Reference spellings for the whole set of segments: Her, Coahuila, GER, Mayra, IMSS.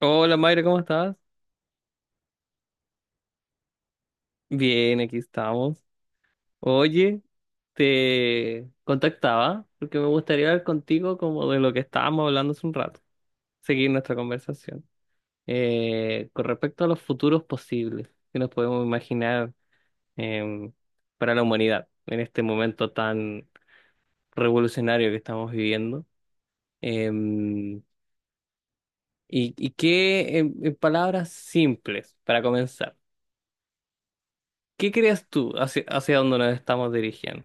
Hola Mayra, ¿cómo estás? Bien, aquí estamos. Oye, te contactaba porque me gustaría hablar contigo como de lo que estábamos hablando hace un rato, seguir nuestra conversación. Con respecto a los futuros posibles que nos podemos imaginar em, para la humanidad en este momento tan revolucionario que estamos viviendo. Em, y qué, en palabras simples, para comenzar, ¿qué crees tú hacia dónde nos estamos dirigiendo?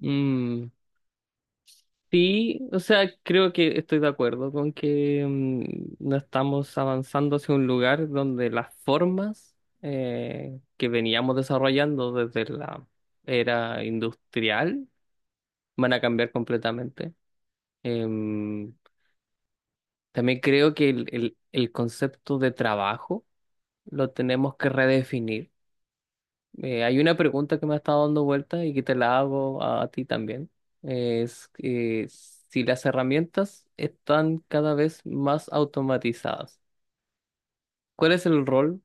Mm, sí, o sea, creo que estoy de acuerdo con que no estamos avanzando hacia un lugar donde las formas que veníamos desarrollando desde la era industrial van a cambiar completamente. Em, También creo que el concepto de trabajo lo tenemos que redefinir. Hay una pregunta que me ha estado dando vuelta y que te la hago a, ti también. Es que si las herramientas están cada vez más automatizadas, ¿cuál es el rol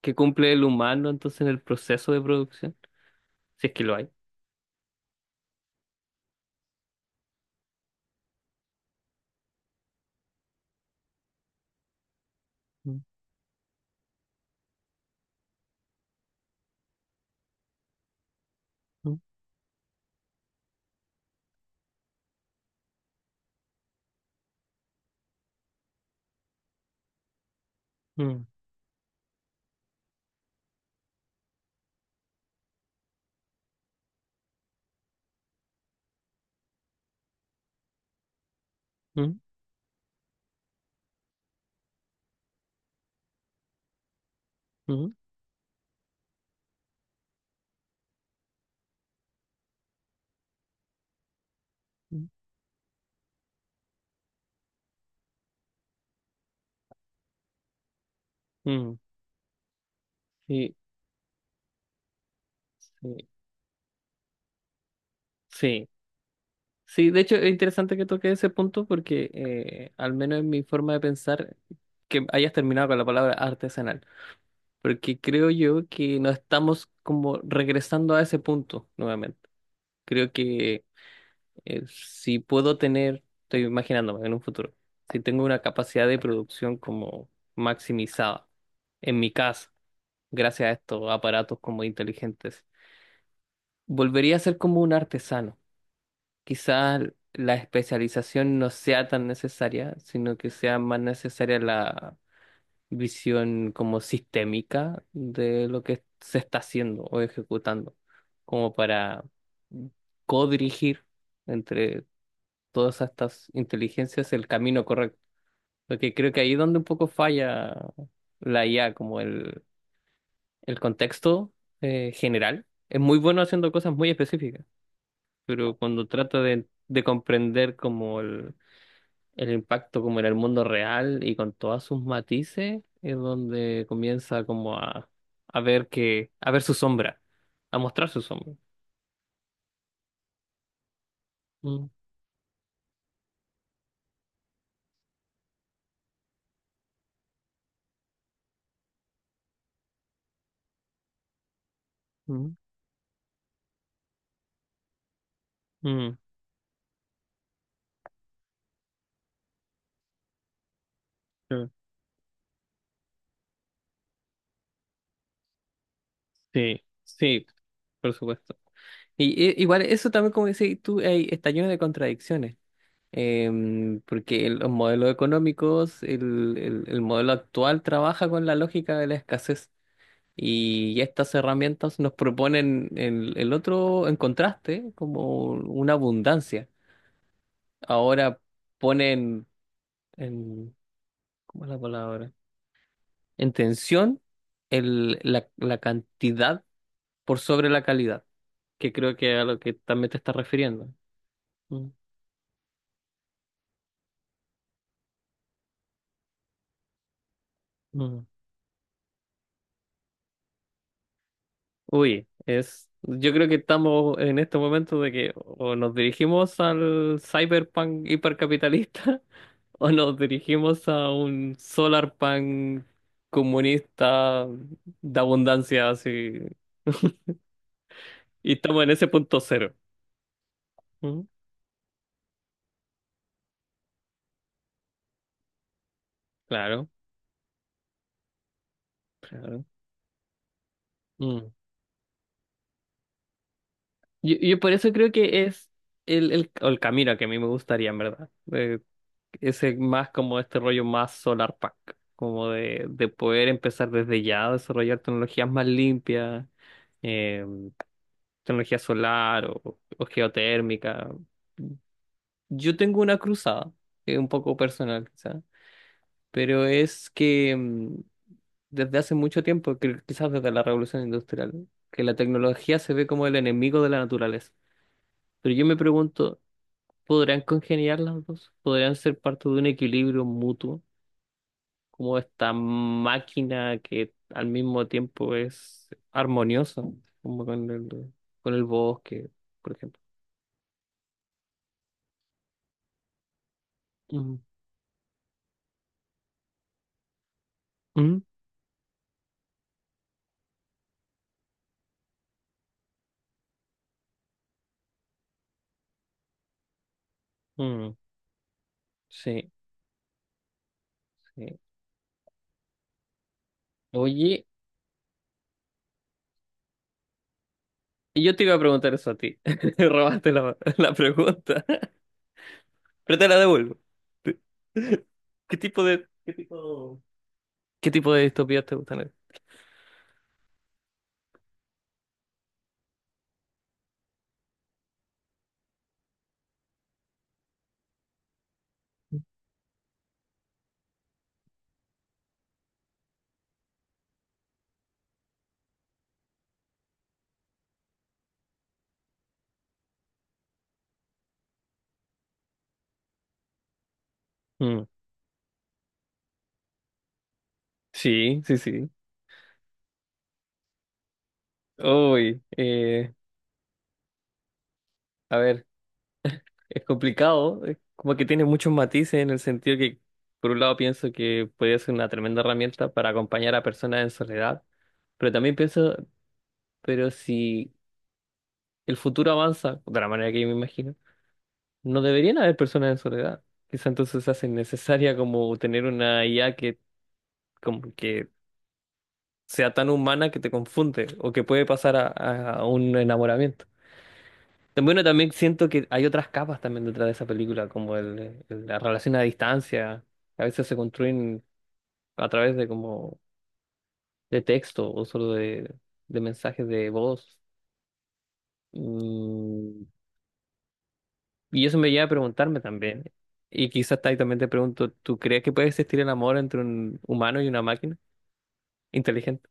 que cumple el humano entonces en el proceso de producción? Si es que lo hay. Mm, mm, mm, mm, mm, mm. Sí, sí, sí. Sí, de hecho es interesante que toque ese punto porque al menos en mi forma de pensar, que hayas terminado con la palabra artesanal, porque creo yo que no estamos como regresando a ese punto nuevamente. Creo que si puedo tener, estoy imaginándome en un futuro, si tengo una capacidad de producción como maximizada en mi casa, gracias a estos aparatos como inteligentes, volvería a ser como un artesano. Quizás la especialización no sea tan necesaria, sino que sea más necesaria la visión como sistémica de lo que se está haciendo o ejecutando, como para codirigir entre todas estas inteligencias el camino correcto. Porque creo que ahí es donde un poco falla la IA, como el contexto general. Es muy bueno haciendo cosas muy específicas, pero cuando trata de comprender como el impacto como en el mundo real y con todos sus matices es donde comienza como a ver su sombra, a mostrar su sombra. Mm, mm, mm, claro. Sí, sí, por supuesto. Y, igual eso también, como decís tú, está lleno de contradicciones. Porque el- los modelos económicos, el modelo actual trabaja con la lógica de la escasez. Y estas herramientas nos proponen el otro en contraste, como una abundancia. Ahora ponen en, ¿cómo es la palabra? En tensión la cantidad por sobre la calidad, que creo que es a lo que también te estás refiriendo. Mm, mm. Uy, yo creo que estamos en este momento de que o nos dirigimos al cyberpunk hipercapitalista o nos dirigimos a un solar pan comunista de abundancia, así, y estamos en ese punto cero. Mm, claro, claro. Mm. Yo por eso creo que es o el camino que a mí me gustaría, en verdad. Ese más como este rollo más solar pack, como de poder empezar desde ya a desarrollar tecnologías más limpias, eh, tecnología solar o geotérmica. Yo tengo una cruzada, un poco personal quizá, pero es que desde hace mucho tiempo, que quizás desde la Revolución Industrial, que la tecnología se ve como el enemigo de la naturaleza. Pero yo me pregunto, ¿podrán congeniar las dos? ¿Podrán ser parte de un equilibrio mutuo? Como esta máquina que al mismo tiempo es armoniosa, como con el bosque, por ejemplo. Mm. Mm. Mm. Sí, sí. Oye, y yo te iba a preguntar eso a ti. Robaste la pregunta. Pero te la devuelvo. ¿Qué tipo de, qué tipo, qué tipo de distopías te gustan? Mm, sí, sí, sí. Uy, a ver, es complicado. Es como que tiene muchos matices en el sentido que, por un lado, pienso que puede ser una tremenda herramienta para acompañar a personas en soledad. Pero también pienso, pero si el futuro avanza, de la manera que yo me imagino. No deberían haber personas en soledad. Quizá entonces hace necesaria como tener una IA que, como que sea tan humana que te confunde o que puede pasar a, a un enamoramiento. Bueno, también siento que hay otras capas también detrás de esa película, como el, la relación a distancia, que a veces se construyen a través de como de texto o solo de mensajes de voz. Mm, y eso me lleva a preguntarme también. Y quizás ahí también te pregunto, ¿tú crees que puede existir el amor entre un humano y una máquina? Inteligente.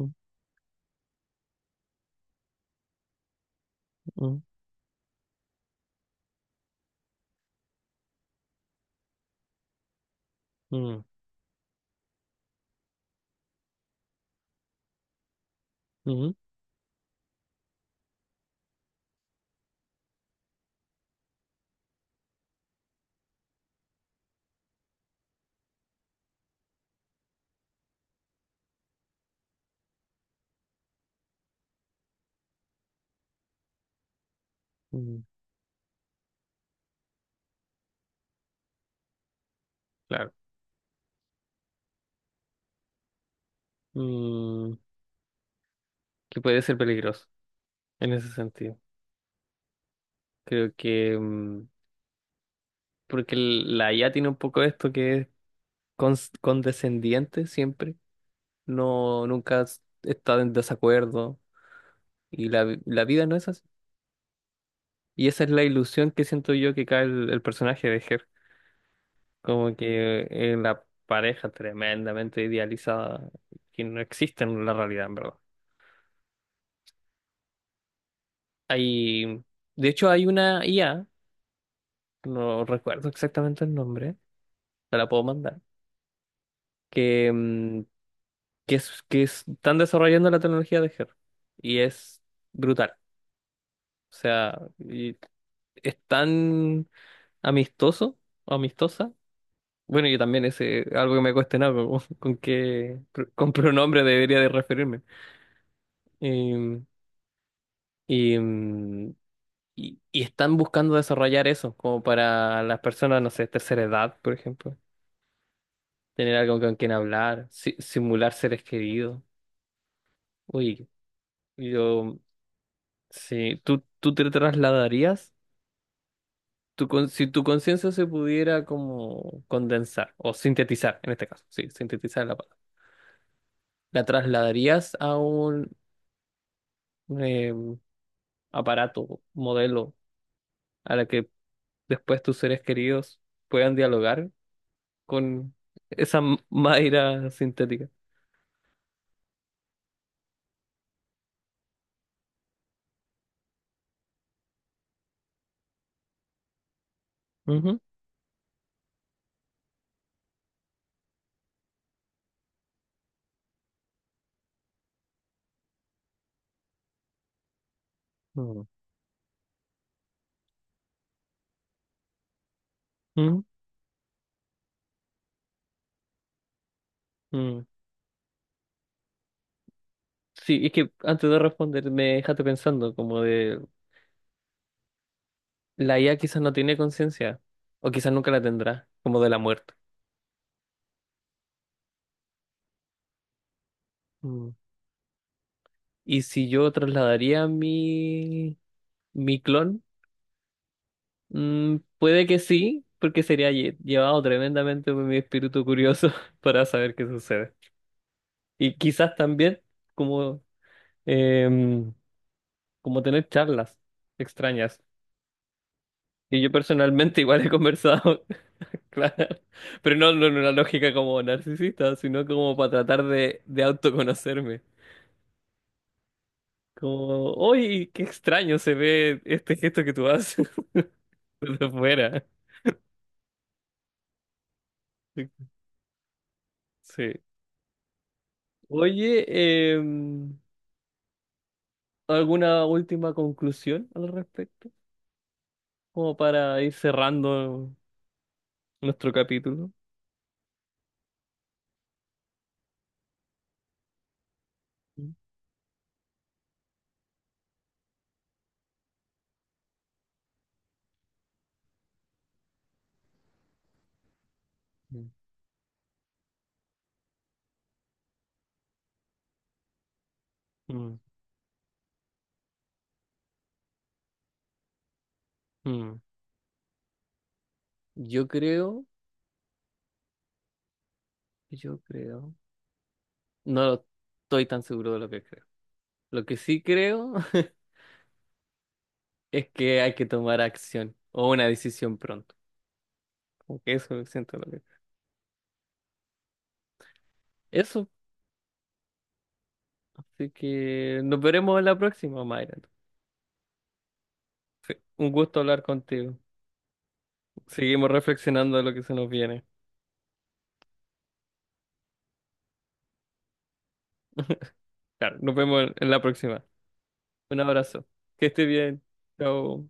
Mm, mm, mm, mm, mm, claro. Mm, que puede ser peligroso en ese sentido. Creo que porque la IA tiene un poco esto que es condescendiente siempre. No, nunca está en desacuerdo. Y la vida no es así. Y esa es la ilusión que siento yo que cae el personaje de Her. Como que en la pareja tremendamente idealizada que no existe en la realidad, en verdad. Hay, de hecho, hay una IA, no recuerdo exactamente el nombre, te la puedo mandar, que, mm, que es- están desarrollando la tecnología de GER y es brutal. O sea, y es tan amistoso, amistosa. Bueno, yo también ese algo que me he cuestionado con, con pronombre debería de referirme. Em, y, mm, y están buscando desarrollar eso, como para las personas, no sé, tercera edad, por ejemplo. Tener algo con quien hablar, simular seres queridos. Uy, yo, sí, ¿tú te trasladarías? Si tu conciencia se pudiera como condensar o sintetizar, en este caso, sí, sintetizar la palabra, ¿la trasladarías a un eh, aparato, modelo, a la que después tus seres queridos puedan dialogar con esa Mayra sintética? Ujú, mm, mm, mm. Sí, es que antes de responder me dejaste pensando como de la IA quizás no tiene conciencia o quizás nunca la tendrá, como de la muerte. Mm. Y si yo trasladaría mi clon, puede que sí, porque sería llevado tremendamente por mi espíritu curioso para saber qué sucede. Y quizás también como em, como tener charlas extrañas. Y yo personalmente igual he conversado, claro, pero no, no en una lógica como narcisista, sino como para tratar de autoconocerme. Como, uy, qué extraño se ve este gesto que tú haces desde fuera. Sí. Oye, em, ¿alguna última conclusión al respecto? Como para ir cerrando nuestro capítulo. Mm, mm, mm. Yo creo, yo creo, no estoy tan seguro de lo que creo. Lo que sí creo es que hay que tomar acción o una decisión pronto. Como que eso siento lo que... Eso. Así que nos veremos en la próxima, Mayra. Un gusto hablar contigo. Seguimos reflexionando de lo que se nos viene. Claro, nos vemos en la próxima. Un abrazo. Que esté bien. Chao.